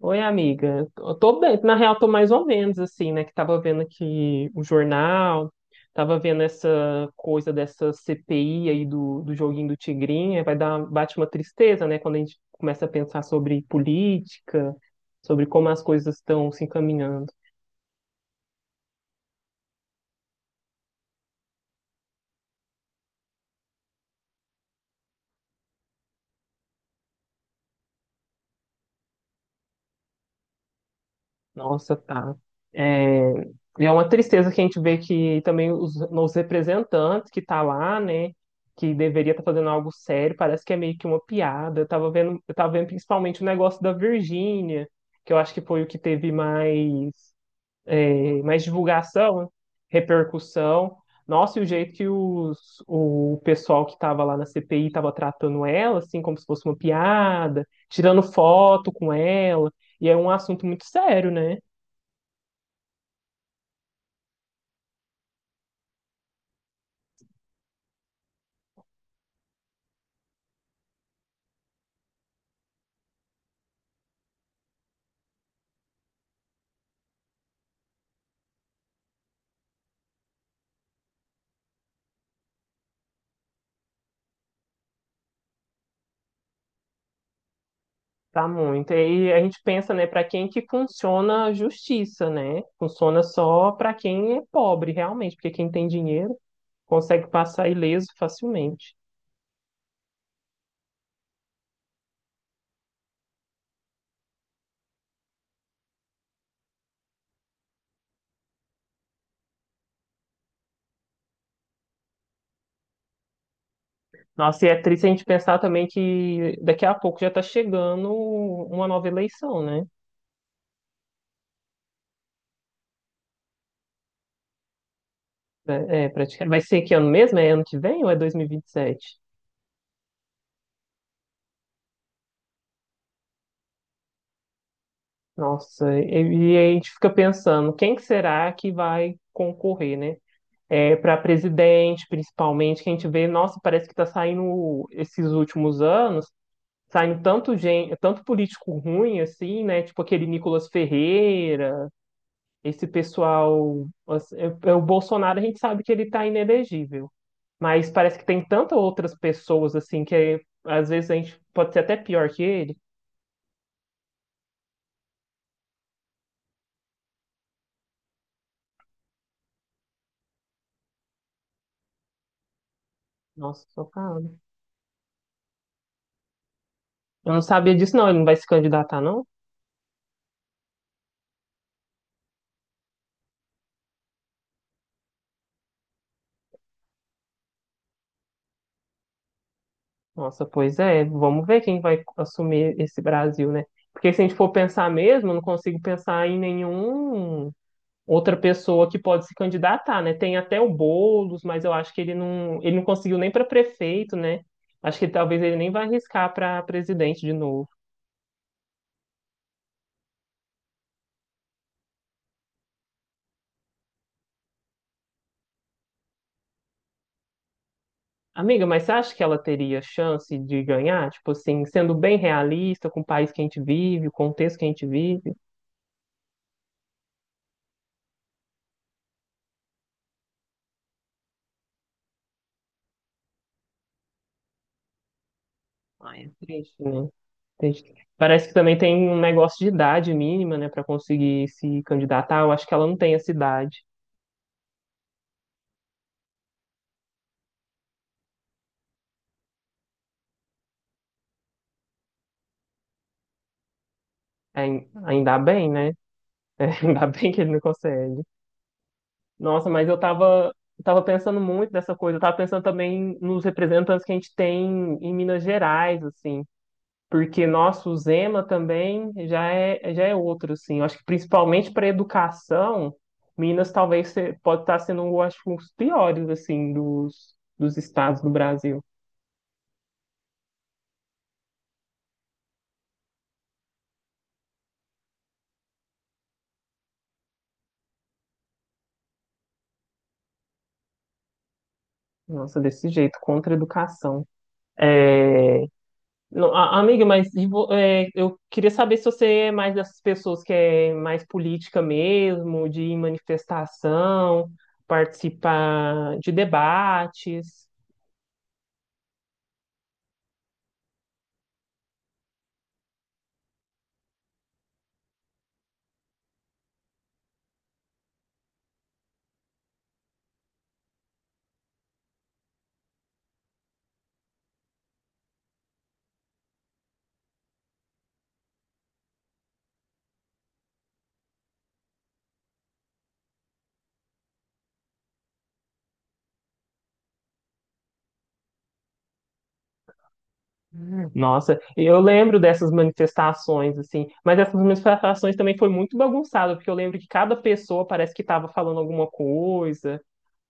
Oi, amiga. Eu tô bem, na real, tô mais ou menos assim, né? Que tava vendo aqui o jornal, tava vendo essa coisa dessa CPI aí do joguinho do Tigrinha. Vai dar, bate uma tristeza, né? Quando a gente começa a pensar sobre política, sobre como as coisas estão se encaminhando. Nossa, tá. É, e é uma tristeza que a gente vê que também os representantes que tá lá, né, que deveria estar fazendo algo sério, parece que é meio que uma piada. Eu tava vendo principalmente o negócio da Virgínia, que eu acho que foi o que teve mais divulgação, repercussão. Nossa, e o jeito que o pessoal que estava lá na CPI estava tratando ela, assim, como se fosse uma piada, tirando foto com ela, e é um assunto muito sério, né? Tá muito. E aí a gente pensa, né, para quem que funciona a justiça, né? Funciona só para quem é pobre, realmente, porque quem tem dinheiro consegue passar ileso facilmente. Nossa, e é triste a gente pensar também que daqui a pouco já tá chegando uma nova eleição, né? Praticamente. Vai ser que ano mesmo? É ano que vem ou é 2027? Nossa, e a gente fica pensando, quem que será que vai concorrer, né? Para presidente, principalmente, que a gente vê, nossa, parece que está saindo esses últimos anos, saindo tanto gente, tanto político ruim assim, né? Tipo aquele Nicolas Ferreira, esse pessoal, assim, é o Bolsonaro a gente sabe que ele está inelegível, mas parece que tem tantas outras pessoas assim que às vezes a gente pode ser até pior que ele. Nossa, socado. Eu não sabia disso, não. Ele não vai se candidatar, não? Nossa, pois é. Vamos ver quem vai assumir esse Brasil, né? Porque se a gente for pensar mesmo, eu não consigo pensar em nenhum outra pessoa que pode se candidatar, né? Tem até o Boulos, mas eu acho que ele não conseguiu nem para prefeito, né? Acho que talvez ele nem vai arriscar para presidente de novo. Amiga, mas você acha que ela teria chance de ganhar? Tipo assim, sendo bem realista com o país que a gente vive, o contexto que a gente vive? Ai, é triste, né? Entendi. Parece que também tem um negócio de idade mínima, né, para conseguir se candidatar. Eu acho que ela não tem essa idade. Ainda bem, né? É, ainda bem que ele não consegue. Nossa, mas eu tava pensando muito nessa coisa. Eu tava pensando também nos representantes que a gente tem em Minas Gerais, assim. Porque nosso Zema também já é outro, assim. Eu acho que principalmente para educação, Minas talvez pode estar sendo, eu acho, um dos piores, assim, dos estados do Brasil. Nossa, desse jeito, contra a educação. É, não, a- Amiga, mas eu queria saber se você é mais dessas pessoas que é mais política mesmo, de ir em manifestação, participar de debates. Hum. Nossa, eu lembro dessas manifestações, assim, mas essas manifestações também foi muito bagunçado, porque eu lembro que cada pessoa parece que estava falando alguma coisa.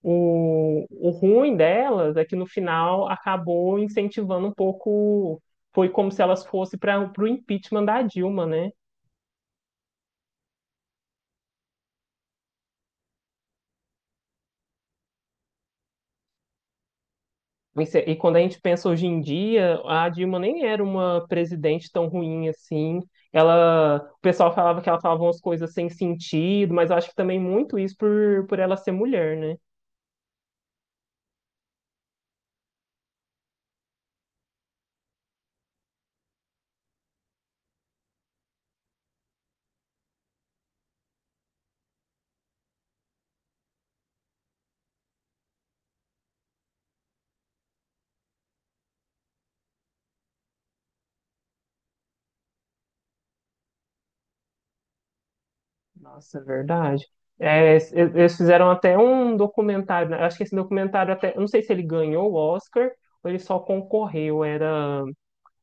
O ruim delas é que no final acabou incentivando um pouco. Foi como se elas fossem para o impeachment da Dilma, né? E, se- E quando a gente pensa hoje em dia, a Dilma nem era uma presidente tão ruim assim. Ela, o pessoal falava que ela falava umas coisas sem sentido, mas eu acho que também muito isso por ela ser mulher, né? Nossa, é verdade. É, eles fizeram até um documentário, né? Acho que esse documentário até, eu não sei se ele ganhou o Oscar ou ele só concorreu, era,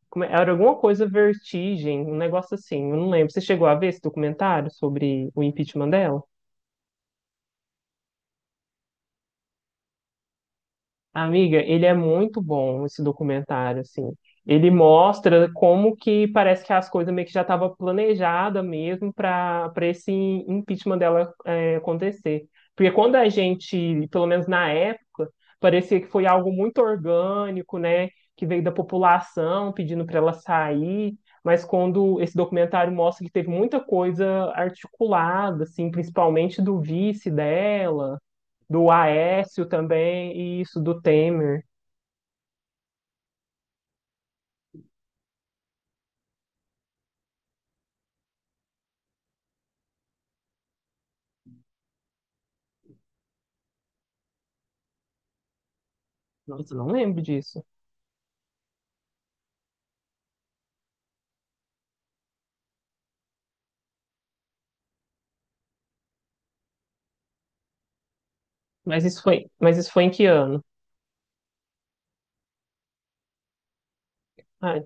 como é- era alguma coisa Vertigem, um negócio assim, eu não lembro. Você chegou a ver esse documentário sobre o impeachment dela? Amiga, ele é muito bom, esse documentário, assim. Ele mostra como que parece que as coisas meio que já estavam planejadas mesmo para esse impeachment dela acontecer. Porque quando a gente, pelo menos na época, parecia que foi algo muito orgânico, né? Que veio da população pedindo para ela sair. Mas quando esse documentário mostra que teve muita coisa articulada, assim, principalmente do vice dela do Aécio também, e isso do Temer. Nossa, eu não lembro disso. Mas isso foi em que ano? Ah,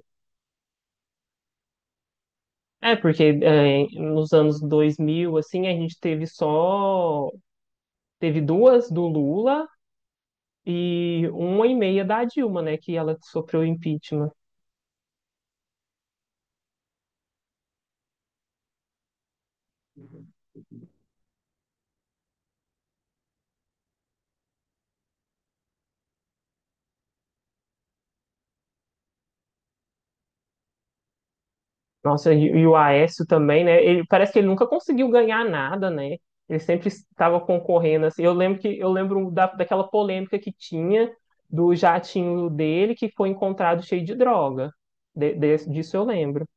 Nos anos 2000 assim, a gente teve só... Teve duas do Lula e uma e meia da Dilma, né? Que ela sofreu impeachment. Nossa, e o Aécio também, né? Ele parece que ele nunca conseguiu ganhar nada, né? Ele sempre estava concorrendo assim. Eu lembro daquela polêmica que tinha do jatinho dele que foi encontrado cheio de droga. Disso eu lembro.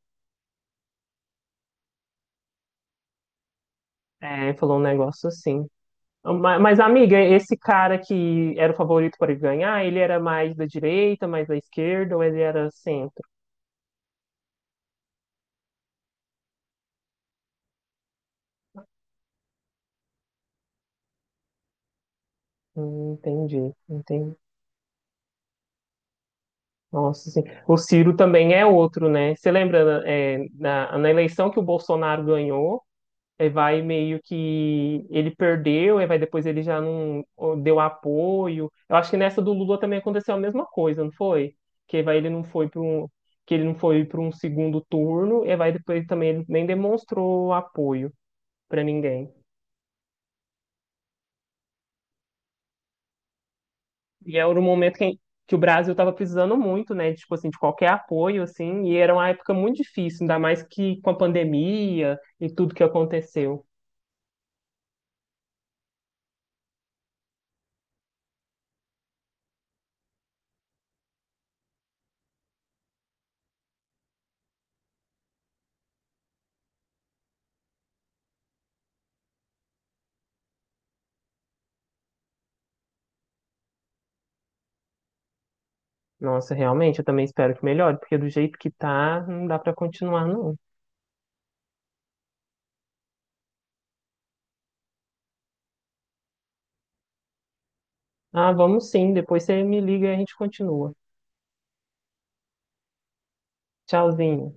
É, falou um negócio assim. Mas, amiga, esse cara que era o favorito para ganhar, ele era mais da direita, mais da esquerda, ou ele era centro? Entendi. Nossa, sim. O Ciro também é outro, né? Você lembra, na, na eleição que o Bolsonaro ganhou, é, vai meio que ele perdeu, é, vai depois ele já não ó, deu apoio. Eu acho que nessa do Lula também aconteceu a mesma coisa, não foi? Que vai ele não foi para um que ele não foi para um segundo turno, e vai depois também ele nem demonstrou apoio para ninguém. E era um momento que o Brasil estava precisando muito, né? Tipo assim, de qualquer apoio, assim, e era uma época muito difícil, ainda mais que com a pandemia e tudo que aconteceu. Nossa, realmente, eu também espero que melhore, porque do jeito que tá, não dá para continuar, não. Ah, vamos sim, depois você me liga e a gente continua. Tchauzinho.